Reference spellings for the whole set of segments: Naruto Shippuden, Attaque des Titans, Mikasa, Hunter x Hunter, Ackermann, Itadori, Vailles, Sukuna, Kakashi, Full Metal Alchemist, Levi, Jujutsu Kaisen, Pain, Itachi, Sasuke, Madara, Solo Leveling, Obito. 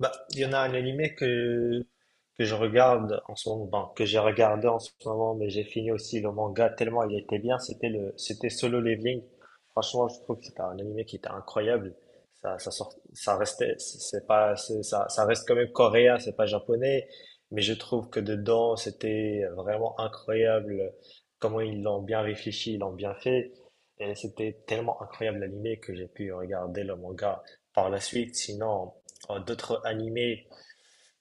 Bah, il y en a un animé que je regarde en ce moment, bon, que j'ai regardé en ce moment, mais j'ai fini aussi le manga tellement il était bien, c'était Solo Leveling. Franchement, je trouve que c'était un animé qui était incroyable. Ça sort, ça restait, c'est pas, c'est- Ça reste quand même coréen, c'est pas japonais, mais je trouve que dedans, c'était vraiment incroyable comment ils l'ont bien réfléchi, ils l'ont bien fait. Et c'était tellement incroyable l'animé que j'ai pu regarder le manga par la suite. Sinon, d'autres animés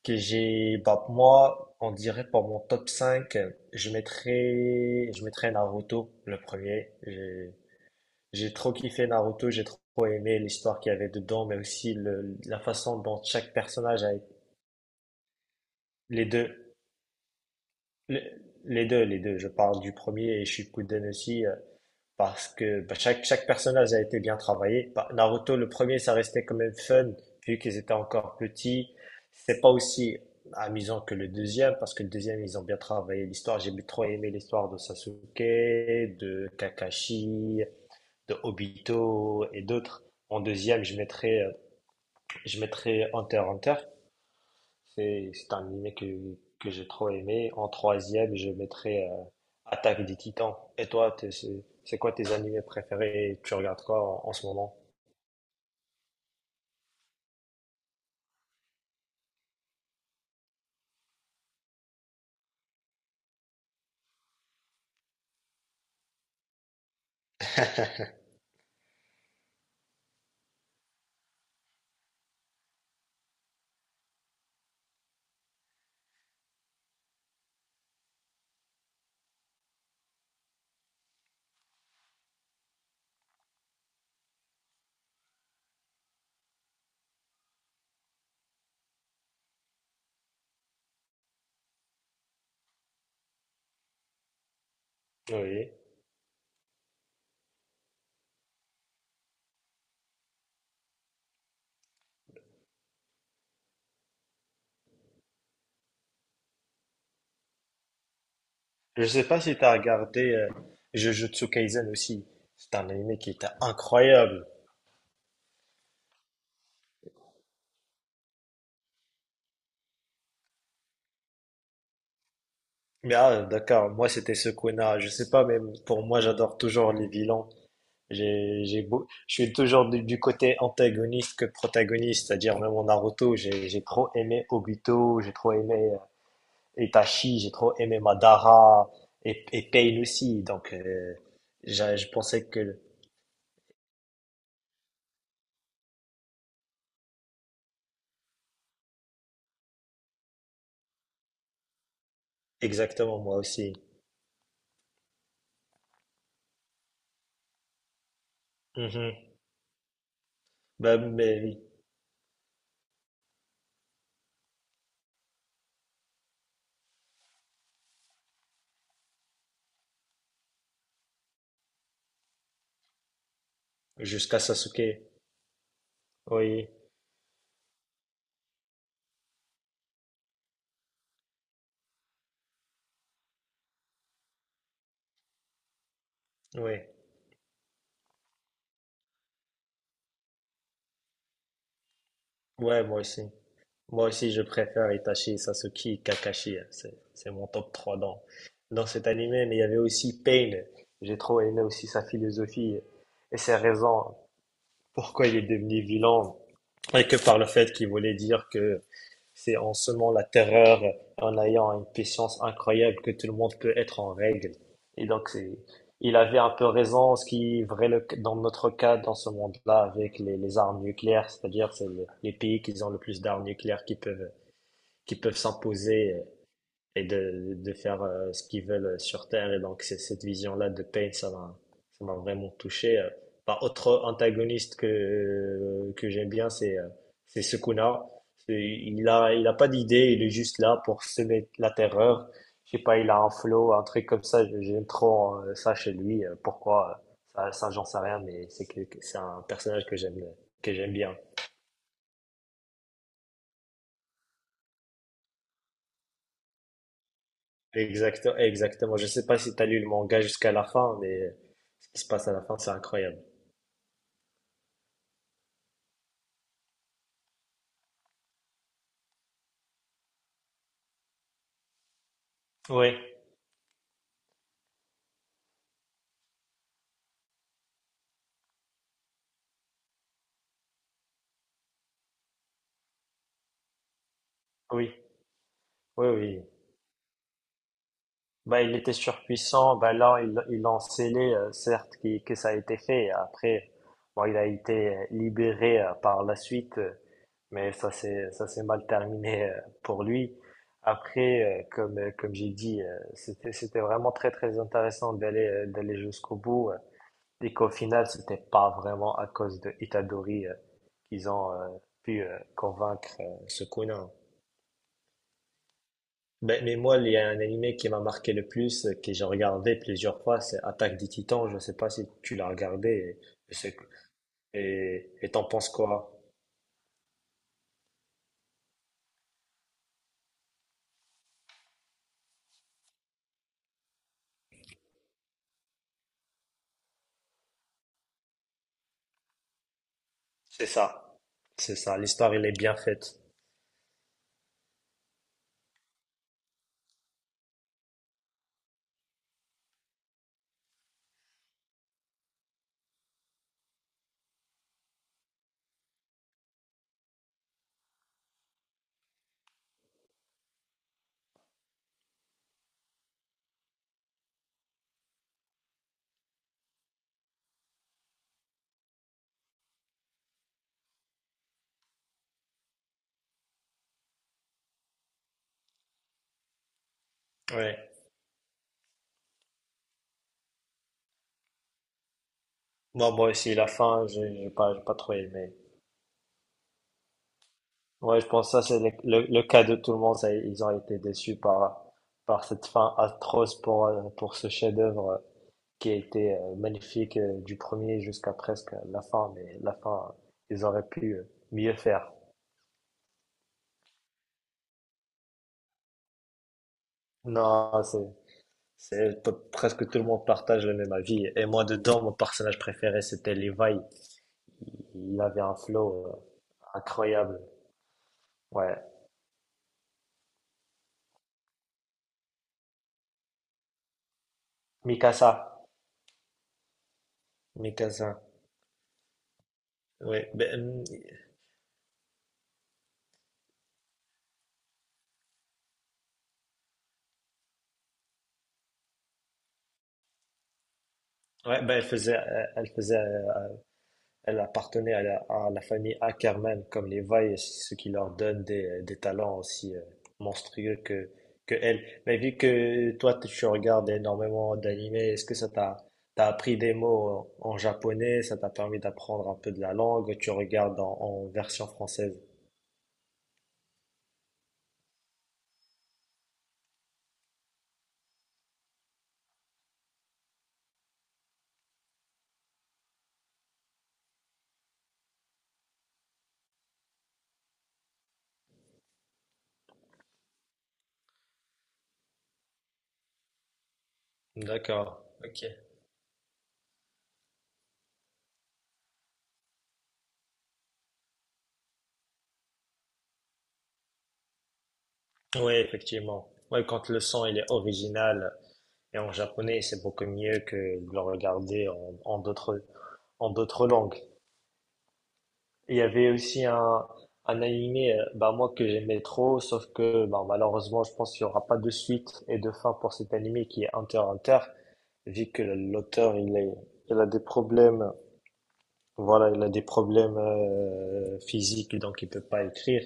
que j'ai, bah, moi, on dirait pour mon top 5 je mettrais Naruto, le premier. J'ai trop kiffé Naruto, j'ai trop aimé l'histoire qu'il y avait dedans, mais aussi la façon dont chaque personnage a été. Les deux, le- les, deux, Les deux, je parle du premier et Shippuden aussi. Parce que bah, chaque personnage a été bien travaillé. Bah, Naruto, le premier, ça restait quand même fun, vu qu'ils étaient encore petits. C'est pas aussi amusant que le deuxième, parce que le deuxième, ils ont bien travaillé l'histoire. J'ai trop aimé l'histoire de Sasuke, de Kakashi, de Obito et d'autres. En deuxième, je mettrais Hunter x Hunter. C'est un anime que j'ai trop aimé. En troisième, je mettrais Attaque des Titans. Et toi, c'est quoi tes animés préférés? Tu regardes quoi en ce moment? Oui. Je sais pas si tu as regardé Jujutsu Kaisen aussi. C'est un animé qui était incroyable. Mais ah, d'accord, moi c'était Sukuna. Je sais pas, même pour moi, j'adore toujours les vilains. Je suis toujours du côté antagoniste que protagoniste, c'est-à-dire même en Naruto, j'ai trop aimé Obito, j'ai trop aimé Itachi, j'ai trop aimé Madara et Pain aussi. Donc, j'a- je pensais que exactement, moi aussi. Mhm. Ben, mais oui, jusqu'à Sasuke. Oui, oui, ouais, moi aussi. Moi aussi, je préfère Itachi, Sasuke, Kakashi, hein. C'est mon top 3 dans cet animé. Mais il y avait aussi Pain. J'ai trop aimé aussi sa philosophie et ses raisons pourquoi il est devenu vilain. Et que par le fait qu'il voulait dire que c'est en semant la terreur, en ayant une puissance incroyable que tout le monde peut être en règle. Et donc, il avait un peu raison, ce qui est vrai dans notre cas, dans ce monde-là, avec les armes nucléaires, c'est-à-dire c'est les pays qui ont le plus d'armes nucléaires qui peuvent s'imposer et de faire ce qu'ils veulent sur Terre. Et donc, c'est cette vision-là de Payne, ça m'a vraiment touché. Par autre antagoniste que j'aime bien, c'est Sukuna. Il a pas d'idée, il est juste là pour semer la terreur. Je sais pas, il a un flow, un truc comme ça. J'aime trop ça chez lui. Pourquoi? Ça, ça j'en sais rien, mais c'est un personnage que j'aime bien. Exactement, exactement. Je sais pas si t'as lu le manga jusqu'à la fin, mais ce qui se passe à la fin, c'est incroyable. Oui, oui, oui, oui. Bah, il était surpuissant. Bah, là, il en scellé, certes, que ça a été fait. Après, bon, il a été libéré par la suite, mais ça s'est mal terminé pour lui. Après, comme j'ai dit, c'était vraiment très, très intéressant d'aller jusqu'au bout. Et qu'au final, c'était pas vraiment à cause de Itadori, qu'ils ont, pu, convaincre, Sukuna. Ben, mais moi, il y a un animé qui m'a marqué le plus, que j'ai regardé plusieurs fois, c'est Attaque des Titans. Je ne sais pas si tu l'as regardé et, et t'en penses quoi? C'est ça. C'est ça. L'histoire, elle est bien faite. Ouais. Moi, moi aussi, la fin, je n'ai pas, j'ai pas trop aimé. Ouais, je pense que ça, c'est le cas de tout le monde. Ça, ils ont été déçus par cette fin atroce pour ce chef-d'œuvre qui a été magnifique du premier jusqu'à presque la fin. Mais la fin, ils auraient pu mieux faire. Non, presque tout le monde partage le même avis. Et moi, dedans, mon personnage préféré, c'était Levi. Il avait un flow incroyable. Ouais. Mikasa. Mikasa. Ouais. Ben, ouais, ben, elle faisait elle appartenait à la famille Ackermann, comme les Vailles, ce qui leur donne des talents aussi monstrueux que elle. Mais vu que toi, tu regardes énormément d'animés, est-ce que t'as appris des mots en japonais, ça t'a permis d'apprendre un peu de la langue, tu regardes en version française? D'accord, ok. Oui, effectivement. Ouais, quand le son il est original et en japonais, c'est beaucoup mieux que de le regarder en d'autres langues. Il y avait aussi un animé, bah, moi, que j'aimais trop, sauf que, bah, malheureusement, je pense qu'il n'y aura pas de suite et de fin pour cet animé qui est Hunter x Hunter, vu que l'auteur, il a des problèmes, voilà, il a des problèmes, physiques, donc il peut pas écrire.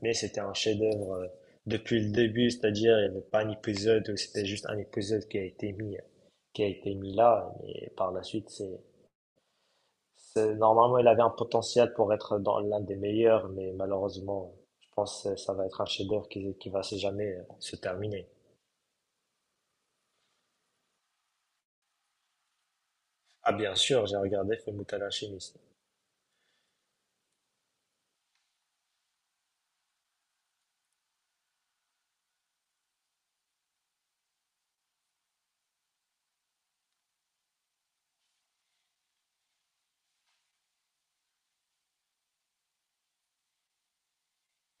Mais c'était un chef-d'œuvre depuis le début, c'est-à-dire, il n'y avait pas un épisode où c'était juste un épisode qui a été mis là, et par la suite, il avait un potentiel pour être dans l'un des meilleurs, mais malheureusement, je pense que ça va être un chef-d'œuvre qui va se jamais se terminer. Ah, bien sûr, j'ai regardé Full Metal Alchemist.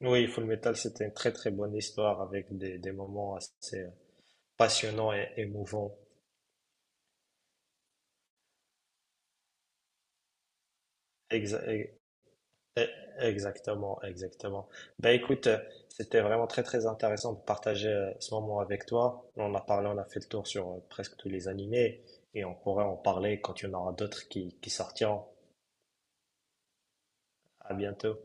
Oui, Full Metal, c'était une très très bonne histoire avec des moments assez passionnants et émouvants. Exa- E- Exactement, exactement. Ben écoute, c'était vraiment très très intéressant de partager ce moment avec toi. On a parlé, on a fait le tour sur presque tous les animés et on pourrait en parler quand il y en aura d'autres qui sortiront. À bientôt.